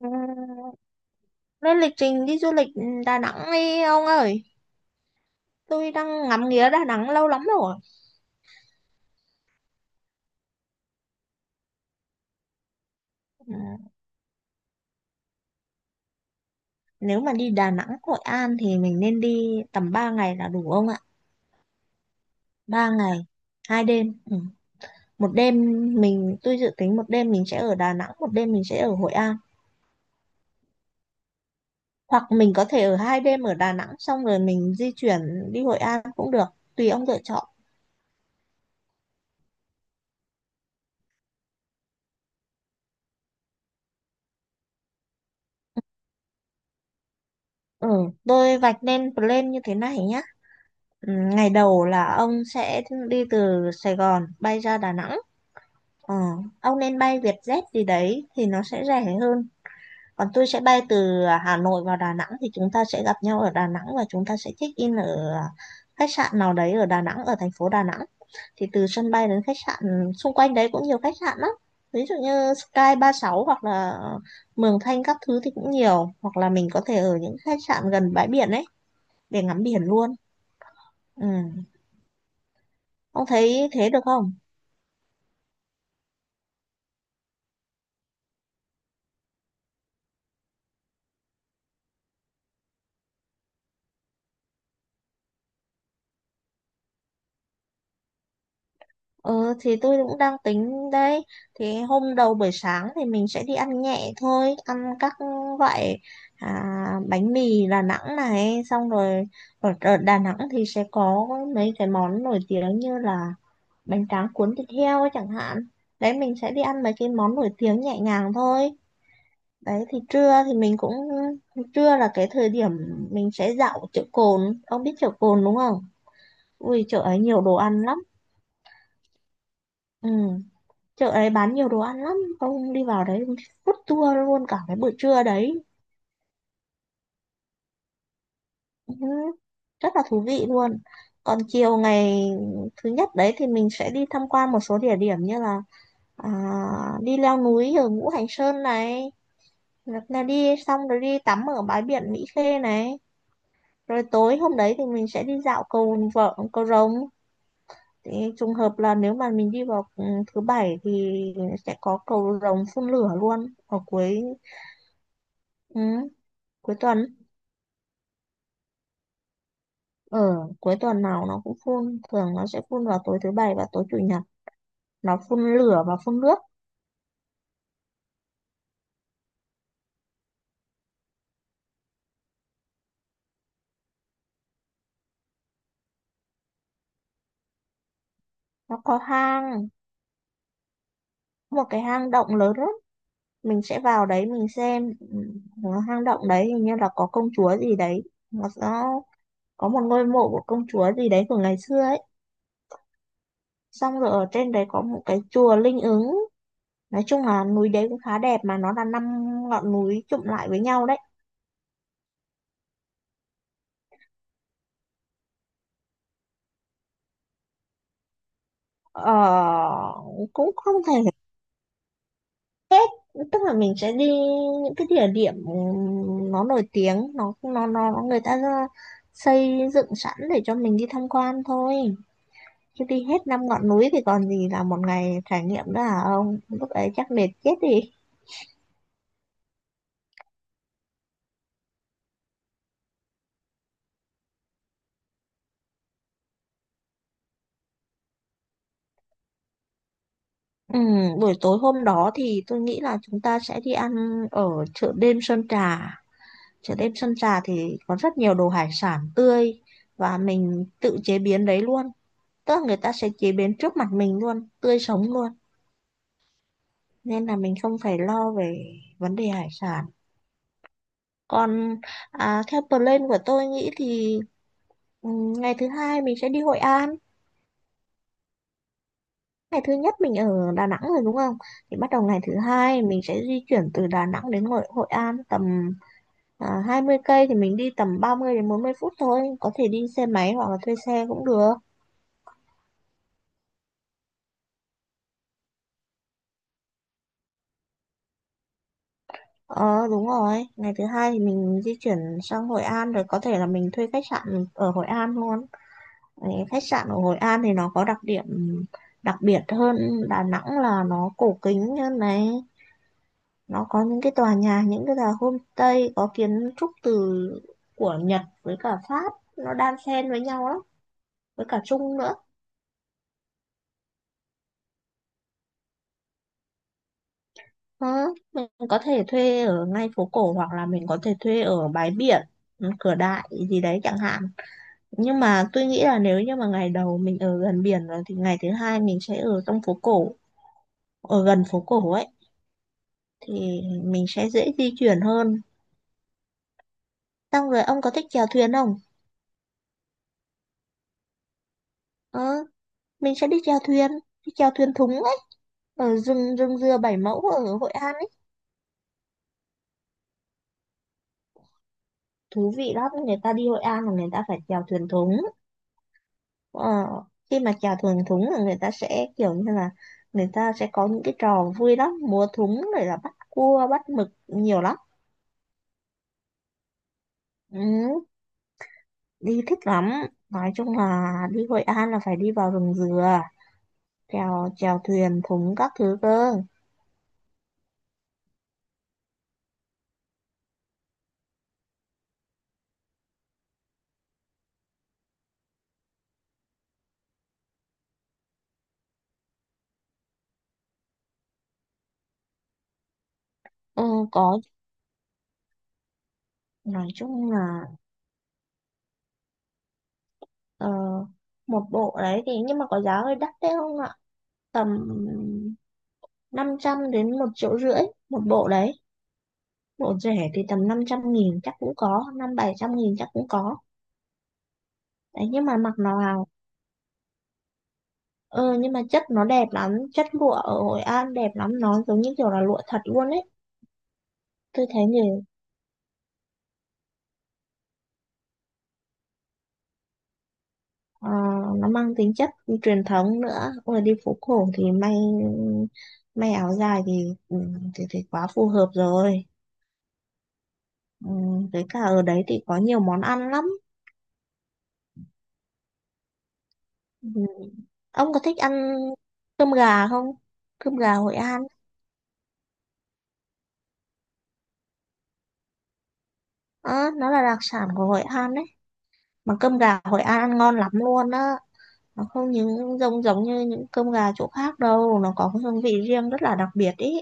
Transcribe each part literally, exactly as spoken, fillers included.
Ừ, lên lịch trình đi du lịch Đà Nẵng đi ông ơi. Tôi đang ngắm nghía Đà Nẵng lâu lắm rồi. Ừ, nếu mà đi Đà Nẵng, Hội An thì mình nên đi tầm ba ngày là đủ ông ạ? Ba ngày, hai đêm. Ừ. Một đêm mình tôi dự tính một đêm mình sẽ ở Đà Nẵng, một đêm mình sẽ ở Hội An. Hoặc mình có thể ở hai đêm ở Đà Nẵng xong rồi mình di chuyển đi Hội An cũng được, tùy ông lựa chọn. Ừ, tôi vạch nên plan như thế này nhé. Ừ, ngày đầu là ông sẽ đi từ Sài Gòn bay ra Đà Nẵng. Ờ, ông nên bay Vietjet gì đấy thì nó sẽ rẻ hơn. Còn tôi sẽ bay từ à, Hà Nội vào Đà Nẵng thì chúng ta sẽ gặp nhau ở Đà Nẵng và chúng ta sẽ check in ở à, khách sạn nào đấy ở Đà Nẵng, ở thành phố Đà Nẵng. Thì từ sân bay đến khách sạn xung quanh đấy cũng nhiều khách sạn lắm. Ví dụ như Sky ba mươi sáu hoặc là Mường Thanh các thứ thì cũng nhiều. Hoặc là mình có thể ở những khách sạn gần bãi biển ấy để ngắm biển luôn. Ừ. Ông thấy thế được không? Ừ thì tôi cũng đang tính đấy. Thì hôm đầu buổi sáng thì mình sẽ đi ăn nhẹ thôi. Ăn các loại à, bánh mì Đà Nẵng này. Xong rồi ở, ở Đà Nẵng thì sẽ có mấy cái món nổi tiếng như là bánh tráng cuốn thịt heo ấy chẳng hạn. Đấy, mình sẽ đi ăn mấy cái món nổi tiếng nhẹ nhàng thôi. Đấy thì trưa thì mình cũng, trưa là cái thời điểm mình sẽ dạo chợ Cồn. Ông biết chợ Cồn đúng không? Ui chợ ấy nhiều đồ ăn lắm. Ừ, chợ đấy bán nhiều đồ ăn lắm, ông đi vào đấy ông food tour luôn cả cái buổi trưa đấy. Ừ, rất là thú vị luôn. Còn chiều ngày thứ nhất đấy thì mình sẽ đi tham quan một số địa điểm như là à, đi leo núi ở Ngũ Hành Sơn này, hoặc là đi xong rồi đi tắm ở bãi biển Mỹ Khê này, rồi tối hôm đấy thì mình sẽ đi dạo cầu vợ cầu rồng. Thì trùng hợp là nếu mà mình đi vào ừ, thứ bảy thì sẽ có cầu rồng phun lửa luôn ở cuối, ừ, cuối tuần. Ở cuối tuần nào nó cũng phun, thường nó sẽ phun vào tối thứ bảy và tối chủ nhật, nó phun lửa và phun nước. Nó có hang, một cái hang động lớn lắm, mình sẽ vào đấy mình xem. Ừ, hang động đấy hình như là có công chúa gì đấy, nó nó có một ngôi mộ của công chúa gì đấy của ngày xưa ấy, xong rồi ở trên đấy có một cái chùa linh ứng. Nói chung là núi đấy cũng khá đẹp mà nó là năm ngọn núi chụm lại với nhau đấy. Ờ, cũng không thể, tức là mình sẽ đi những cái địa điểm ừm, nó nổi tiếng, nó nó nó nó người ta ra- xây dựng sẵn để cho mình đi tham quan thôi, chứ đi hết năm ngọn núi thì còn gì là một ngày trải nghiệm nữa hả ông, lúc ấy chắc mệt chết đi. Ừ, buổi tối hôm đó thì tôi nghĩ là chúng ta sẽ đi ăn ở chợ đêm Sơn Trà. Chợ đêm Sơn Trà thì có rất nhiều đồ hải sản tươi và mình tự chế biến đấy luôn, tức là người ta sẽ chế biến trước mặt mình luôn, tươi sống luôn, nên là mình không phải lo về vấn đề hải sản. Còn à, theo plan của tôi nghĩ thì ừ, ngày thứ hai mình sẽ đi Hội An. Ngày thứ nhất mình ở Đà Nẵng rồi đúng không, thì bắt đầu ngày thứ hai mình sẽ di chuyển từ Đà Nẵng đến Hội, Hội An tầm à, hai mươi cây, thì mình đi tầm ba mươi đến bốn mươi phút thôi, có thể đi xe máy hoặc là thuê xe cũng được. Ờ đúng rồi, ngày thứ hai thì mình di chuyển sang Hội An rồi có thể là mình thuê khách sạn ở Hội An luôn. Đấy, khách sạn ở Hội An thì nó có đặc điểm đặc biệt hơn Đà Nẵng là nó cổ kính hơn này, nó có những cái tòa nhà, những cái tòa homestay có kiến trúc từ của Nhật với cả Pháp nó đan xen với nhau lắm, với cả Trung nữa. Ờ, mình có thể thuê ở ngay phố cổ hoặc là mình có thể thuê ở bãi biển ừ, cửa đại gì đấy chẳng hạn, nhưng mà tôi nghĩ là nếu như mà ngày đầu mình ở gần biển rồi thì ngày thứ hai mình sẽ ở trong phố cổ, ở gần phố cổ ấy, thì mình sẽ dễ di chuyển hơn. Xong rồi ông có thích chèo thuyền không? Ờ, mình sẽ đi chèo thuyền, đi chèo thuyền thúng ấy, ở rừng rừng dừa Bảy Mẫu ở Hội An ấy. Thú vị lắm, người ta đi Hội An là người ta phải chèo thuyền thúng. Ờ, khi mà chèo thuyền thúng là người ta sẽ kiểu như là người ta sẽ có những cái trò vui lắm, múa thúng rồi là bắt cua, bắt mực nhiều lắm. Ừ, đi thích lắm. Nói chung là đi Hội An là phải đi vào rừng dừa, chèo chèo thuyền thúng các thứ cơ. Ừ, có. Nói chung là ờ, một bộ đấy thì nhưng mà có giá hơi đắt đấy không ạ, tầm năm trăm đến một triệu rưỡi một bộ đấy. Bộ rẻ thì tầm năm trăm nghìn chắc cũng có, năm bảy trăm nghìn chắc cũng có đấy, nhưng mà mặc nó vào ờ nhưng mà chất nó đẹp lắm, chất lụa ở Hội An đẹp lắm, nó giống như kiểu là lụa thật luôn ấy. Tôi thấy nhiều. Ờ, nó mang tính chất truyền thống nữa. Ôi, đi phố cổ thì may, may áo dài thì, ừ, thì thì quá phù hợp rồi. Ừ, với cả ở đấy thì có nhiều món ăn lắm. Ừ. Ông có thích ăn cơm gà không? Cơm gà Hội An. Ờ, nó là đặc sản của Hội An đấy. Mà cơm gà Hội An ăn ngon lắm luôn á. Nó không những giống giống như những cơm gà chỗ khác đâu. Nó có cái hương vị riêng rất là đặc biệt ý.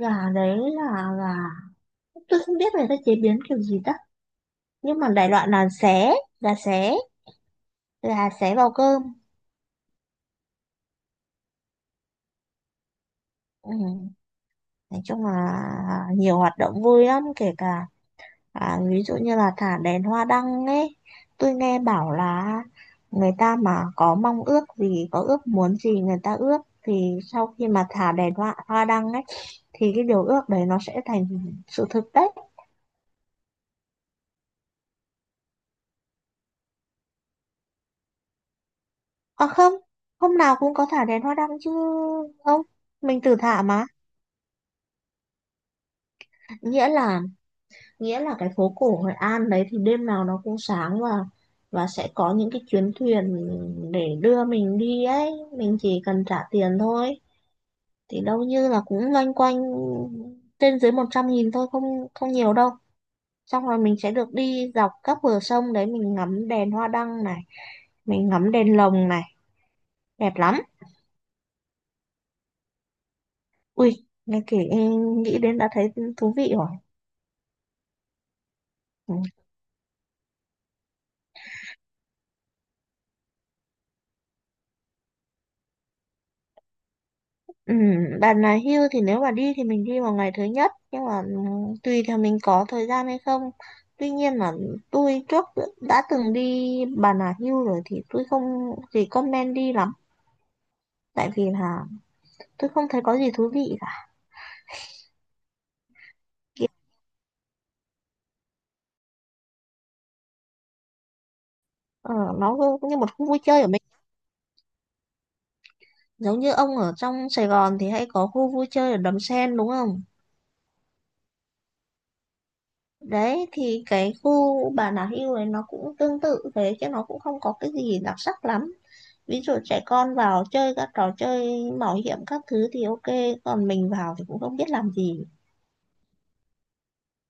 Gà đấy là gà... Tôi không biết người ta chế biến kiểu gì đó. Nhưng mà đại loại là xé. Gà xé. Gà xé vào cơm. Ừ. Nói chung là nhiều hoạt động vui lắm. Kể cả, à, ví dụ như là thả đèn hoa đăng ấy, tôi nghe bảo là người ta mà có mong ước gì, có ước muốn gì người ta ước thì sau khi mà thả đèn hoa, hoa đăng ấy thì cái điều ước đấy nó sẽ thành sự thực đấy. À không, hôm nào cũng có thả đèn hoa đăng chứ, không, mình tự thả mà. Nghĩa là nghĩa là cái phố cổ Hội An đấy thì đêm nào nó cũng sáng, và và sẽ có những cái chuyến thuyền để đưa mình đi ấy, mình chỉ cần trả tiền thôi. Thì đâu như là cũng loanh quanh trên dưới một trăm nghìn thôi, không, không nhiều đâu. Xong rồi mình sẽ được đi dọc các bờ sông đấy, mình ngắm đèn hoa đăng này, mình ngắm đèn lồng này, đẹp lắm. Ui nghe kể nghĩ đến đã thấy thú vị rồi. Ừ. Ừ, bạn là hưu thì nếu mà đi thì mình đi vào ngày thứ nhất, nhưng mà ừ, tùy theo mình có thời gian hay không. Tuy nhiên là tôi trước đã từng đi Bà Nà Hưu rồi thì tôi không thì comment đi lắm, tại vì là tôi không thấy có gì thú vị. Kiểu ờ, nó cứ như một khu vui chơi ở mình, giống như ông ở trong Sài Gòn thì hay có khu vui chơi ở Đầm Sen đúng không, đấy thì cái khu Bà Nà Hills này nó cũng tương tự thế chứ nó cũng không có cái gì đặc sắc lắm. Ví dụ trẻ con vào chơi các trò chơi mạo hiểm các thứ thì ok, còn mình vào thì cũng không biết làm gì,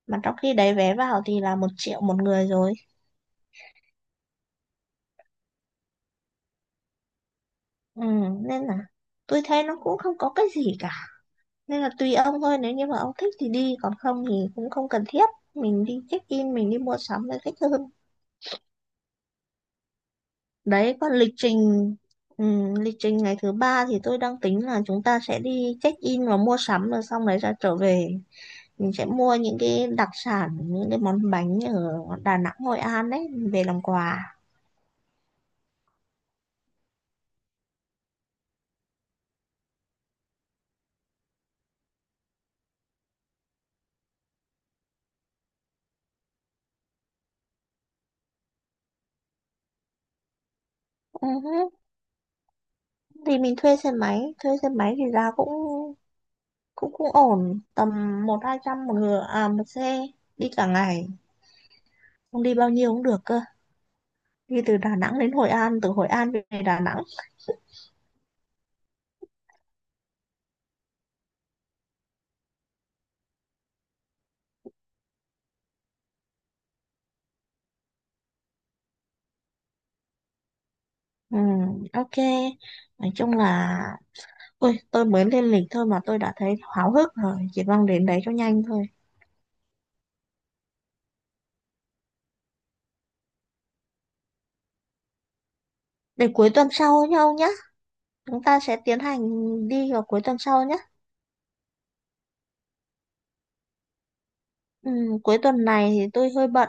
mà trong khi đấy vé vào thì là một triệu một người rồi. Ừ, nên là tôi thấy nó cũng không có cái gì cả, nên là tùy ông thôi, nếu như mà ông thích thì đi, còn không thì cũng không cần thiết, mình đi check in mình đi mua sắm là thích hơn. Đấy còn lịch trình, ừm, lịch trình ngày thứ ba thì tôi đang tính là chúng ta sẽ đi check in và mua sắm rồi xong đấy ra trở về, mình sẽ mua những cái đặc sản, những cái món bánh ở Đà Nẵng Hội An đấy về làm quà. Ừ hứ. Thì mình thuê xe máy, thuê xe máy thì giá cũng cũng cũng ổn, tầm một hai trăm một người à một xe, đi cả ngày không đi bao nhiêu cũng được cơ, đi từ Đà Nẵng đến Hội An, từ Hội An về Đà Nẵng. Ừ, ok. Nói chung là ôi tôi mới lên lịch thôi mà tôi đã thấy háo hức rồi, chỉ mong đến đấy cho nhanh thôi. Để cuối tuần sau nhau nhá, chúng ta sẽ tiến hành đi vào cuối tuần sau nhá. Ừ, cuối tuần này thì tôi hơi bận.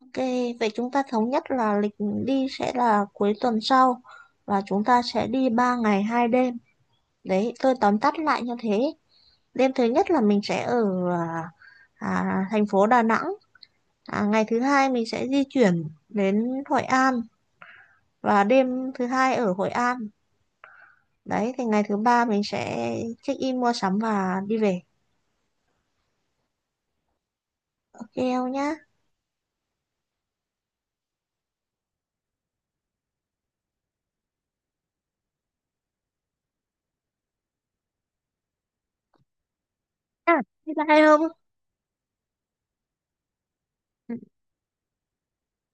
Ok, vậy chúng ta thống nhất là lịch đi sẽ là cuối tuần sau, và chúng ta sẽ đi ba ngày hai đêm. Đấy tôi tóm tắt lại như thế. Đêm thứ nhất là mình sẽ ở à, à, thành phố Đà Nẵng. À, ngày thứ hai mình sẽ di chuyển đến Hội An và đêm thứ hai ở Hội An. Đấy, thì ngày thứ ba mình sẽ check in mua sắm và đi về. Ok không nhá? À, thế là không?